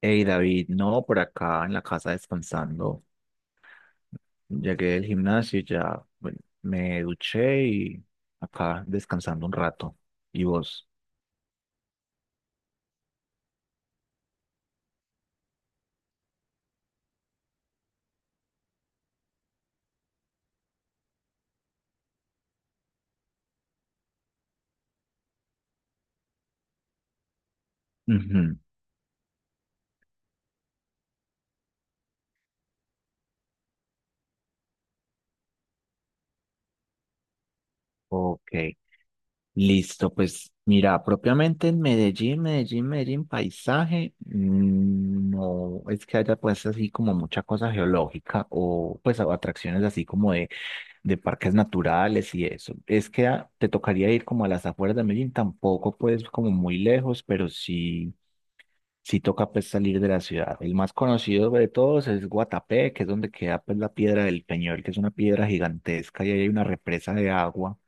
Hey David, no, por acá en la casa descansando. Llegué del gimnasio y ya, bueno, me duché y acá descansando un rato. ¿Y vos? Ujú. Ok, listo. Pues mira, propiamente en Medellín, paisaje, no es que haya pues así como mucha cosa geológica o pues atracciones así como de parques naturales y eso. Es que te tocaría ir como a las afueras de Medellín, tampoco pues como muy lejos, pero sí. Sí, toca pues salir de la ciudad. El más conocido de todos es Guatapé, que es donde queda pues la Piedra del Peñol, que es una piedra gigantesca y ahí hay una represa de agua.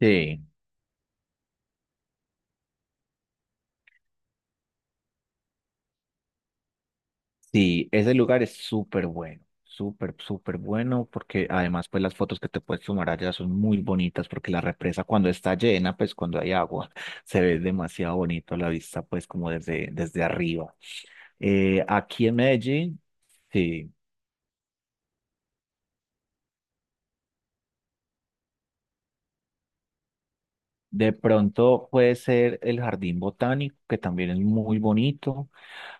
Sí, sí, ese lugar es súper bueno, súper, súper bueno, porque además pues las fotos que te puedes tomar allá son muy bonitas, porque la represa cuando está llena, pues cuando hay agua, se ve demasiado bonito la vista pues como desde arriba. Aquí en Medellín. Sí. De pronto puede ser el jardín botánico, que también es muy bonito,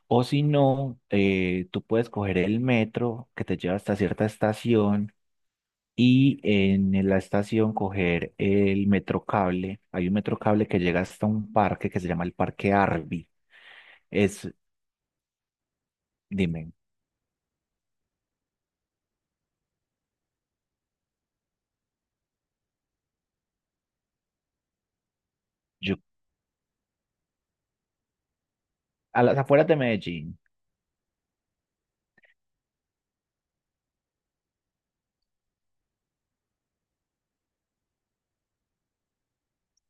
o si no, tú puedes coger el metro que te lleva hasta cierta estación y en la estación coger el metro cable. Hay un metro cable que llega hasta un parque que se llama el Parque Arby. Es, dime, yo, a las afueras de Medellín.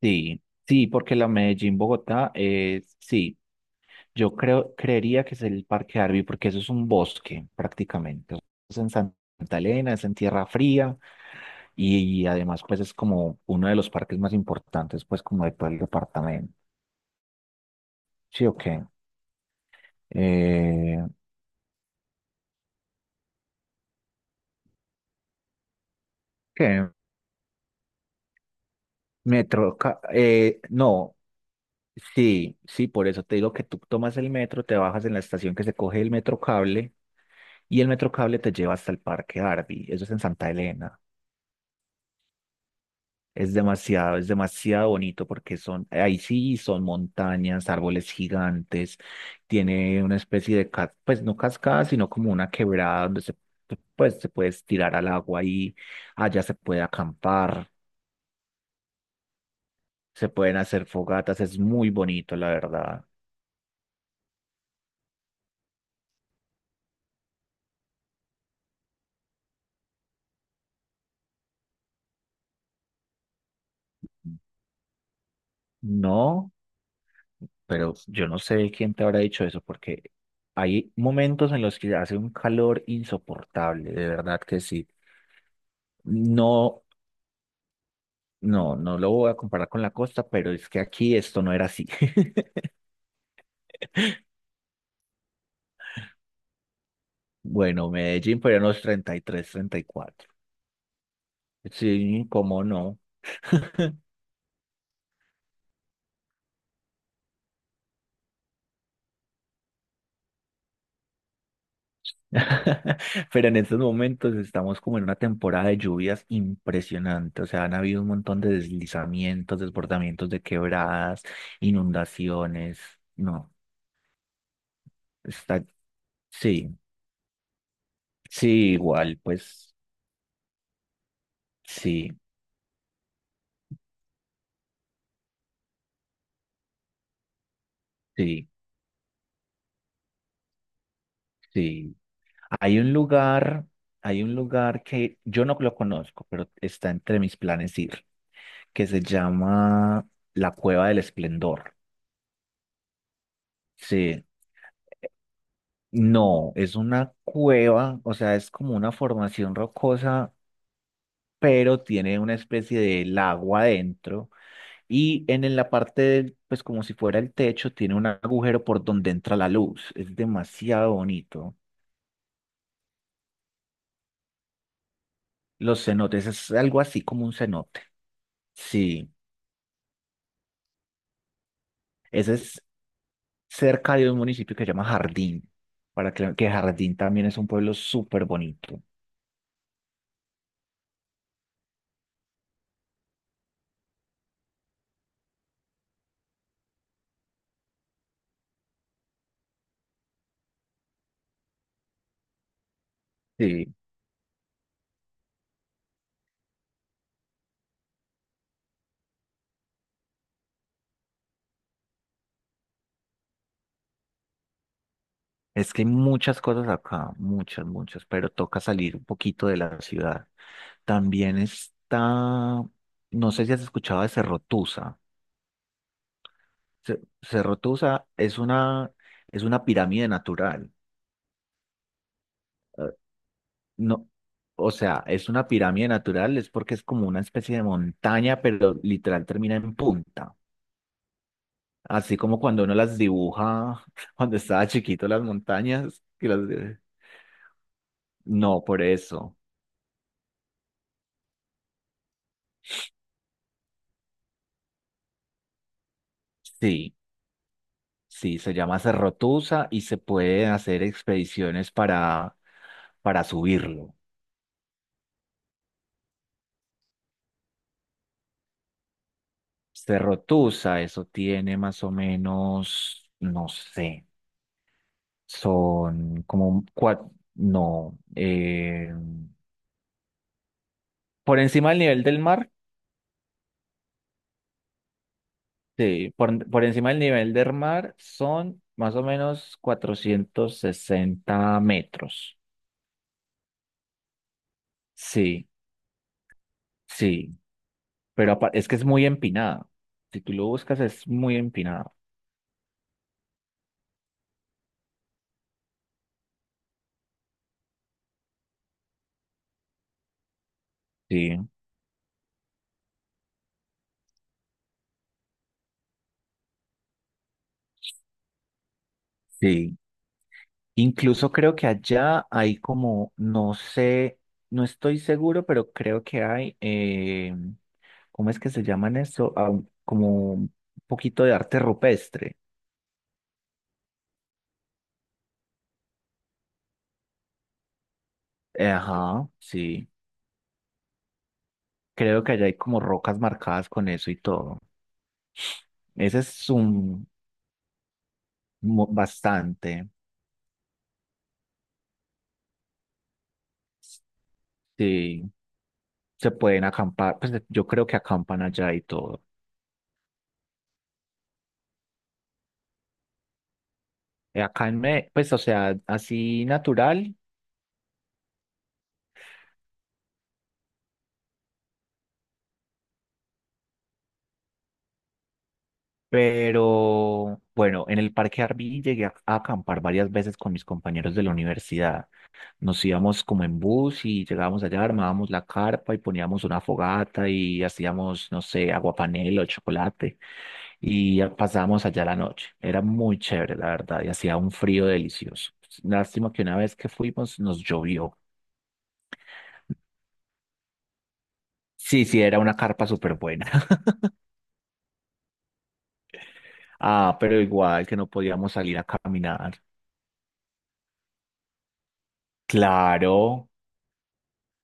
Sí, sí, porque la Medellín-Bogotá es, sí. Yo creería que es el Parque Arví, porque eso es un bosque prácticamente. Es en Santa Elena, es en tierra fría y, además pues es como uno de los parques más importantes pues como de todo el departamento. Sí, ok. Eh, ¿Qué? No, sí, sí, por eso te digo que tú tomas el metro, te bajas en la estación que se coge el metro cable y el metro cable te lleva hasta el Parque Arví. Eso es en Santa Elena. Es demasiado bonito porque son, ahí sí son montañas, árboles gigantes, tiene una especie de, pues no cascada, sino como una quebrada donde pues, se puede tirar al agua y allá se puede acampar, se pueden hacer fogatas, es muy bonito, la verdad. No, pero yo no sé quién te habrá dicho eso porque hay momentos en los que hace un calor insoportable, de verdad que sí. No. No, no lo voy a comparar con la costa, pero es que aquí esto no era así. Bueno, Medellín, pero en los 33, 34. Sí, cómo no. Pero en estos momentos estamos como en una temporada de lluvias impresionante. O sea, han habido un montón de deslizamientos, desbordamientos de quebradas, inundaciones. No, está, sí, sí, igual, pues sí, sí, sí. Hay un lugar, hay un lugar que yo no lo conozco, pero está entre mis planes ir, que se llama la Cueva del Esplendor. Sí, no, es una cueva, o sea, es como una formación rocosa, pero tiene una especie de lago adentro y en la parte pues como si fuera el techo, tiene un agujero por donde entra la luz. Es demasiado bonito. Los cenotes es algo así como un cenote. Sí. Ese es. Cerca de un municipio que se llama Jardín, para que Jardín también es un pueblo súper bonito. Sí, es que hay muchas cosas acá, muchas, muchas, pero toca salir un poquito de la ciudad. También está, no sé si has escuchado de Cerro Tusa. Cerro Tusa es una pirámide natural. Eh, No, o sea, es una pirámide natural, es porque es como una especie de montaña, pero literal termina en punta. Así como cuando uno las dibuja cuando estaba chiquito las montañas, que las. No, por eso. Sí, sí, se llama Cerrotusa y se pueden hacer expediciones para subirlo. Cerrotusa, eso tiene más o menos, no sé, son como cuatro, no, por encima del nivel del mar. Sí, por encima del nivel del mar son más o menos 460 metros. Sí, sí, pero es que es muy empinada. Si tú lo buscas, es muy empinada. Sí, sí. Incluso creo que allá hay como, no sé, no estoy seguro, pero creo que hay, ¿cómo es que se llaman eso? Ah, como un poquito de arte rupestre. Ajá, sí. Creo que allá hay como rocas marcadas con eso y todo. Ese es un bastante. Sí, se pueden acampar. Pues yo creo que acampan allá y todo. Acá en pues o sea, así natural, pero bueno, en el Parque Arví llegué a acampar varias veces con mis compañeros de la universidad. Nos íbamos como en bus y llegábamos allá, armábamos la carpa y poníamos una fogata y hacíamos, no sé, aguapanela o chocolate y ya pasábamos allá la noche. Era muy chévere, la verdad, y hacía un frío delicioso. Lástima que una vez que fuimos nos llovió. Sí, sí, era una carpa súper buena. Ah, pero igual que no podíamos salir a caminar. Claro,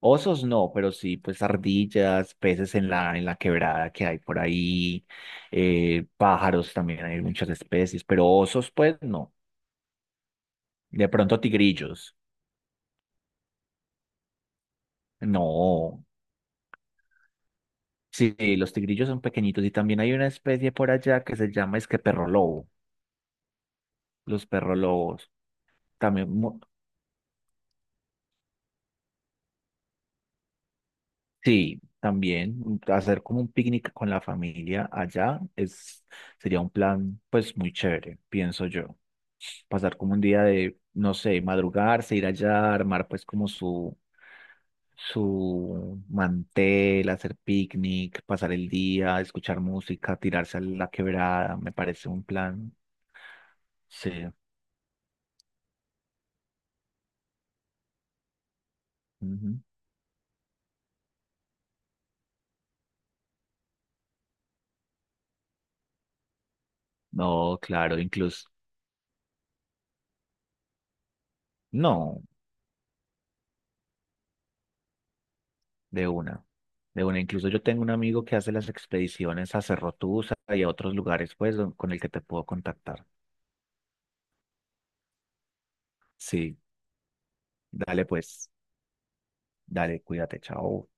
osos no, pero sí, pues ardillas, peces en la quebrada que hay por ahí, pájaros también hay muchas especies, pero osos pues no. De pronto tigrillos, no. Sí, sí, los tigrillos son pequeñitos y también hay una especie por allá que se llama es que perro lobo, los perro lobos, también Sí, también hacer como un picnic con la familia allá sería un plan pues muy chévere, pienso yo. Pasar como un día de, no sé, madrugarse, ir allá, armar pues como su mantel, hacer picnic, pasar el día, escuchar música, tirarse a la quebrada, me parece un plan. Sí. Ujú. No, claro, incluso. No. De una, de una. Incluso yo tengo un amigo que hace las expediciones a Cerro Tusa y a otros lugares, pues, con el que te puedo contactar. Sí, dale, pues, dale, cuídate, chao.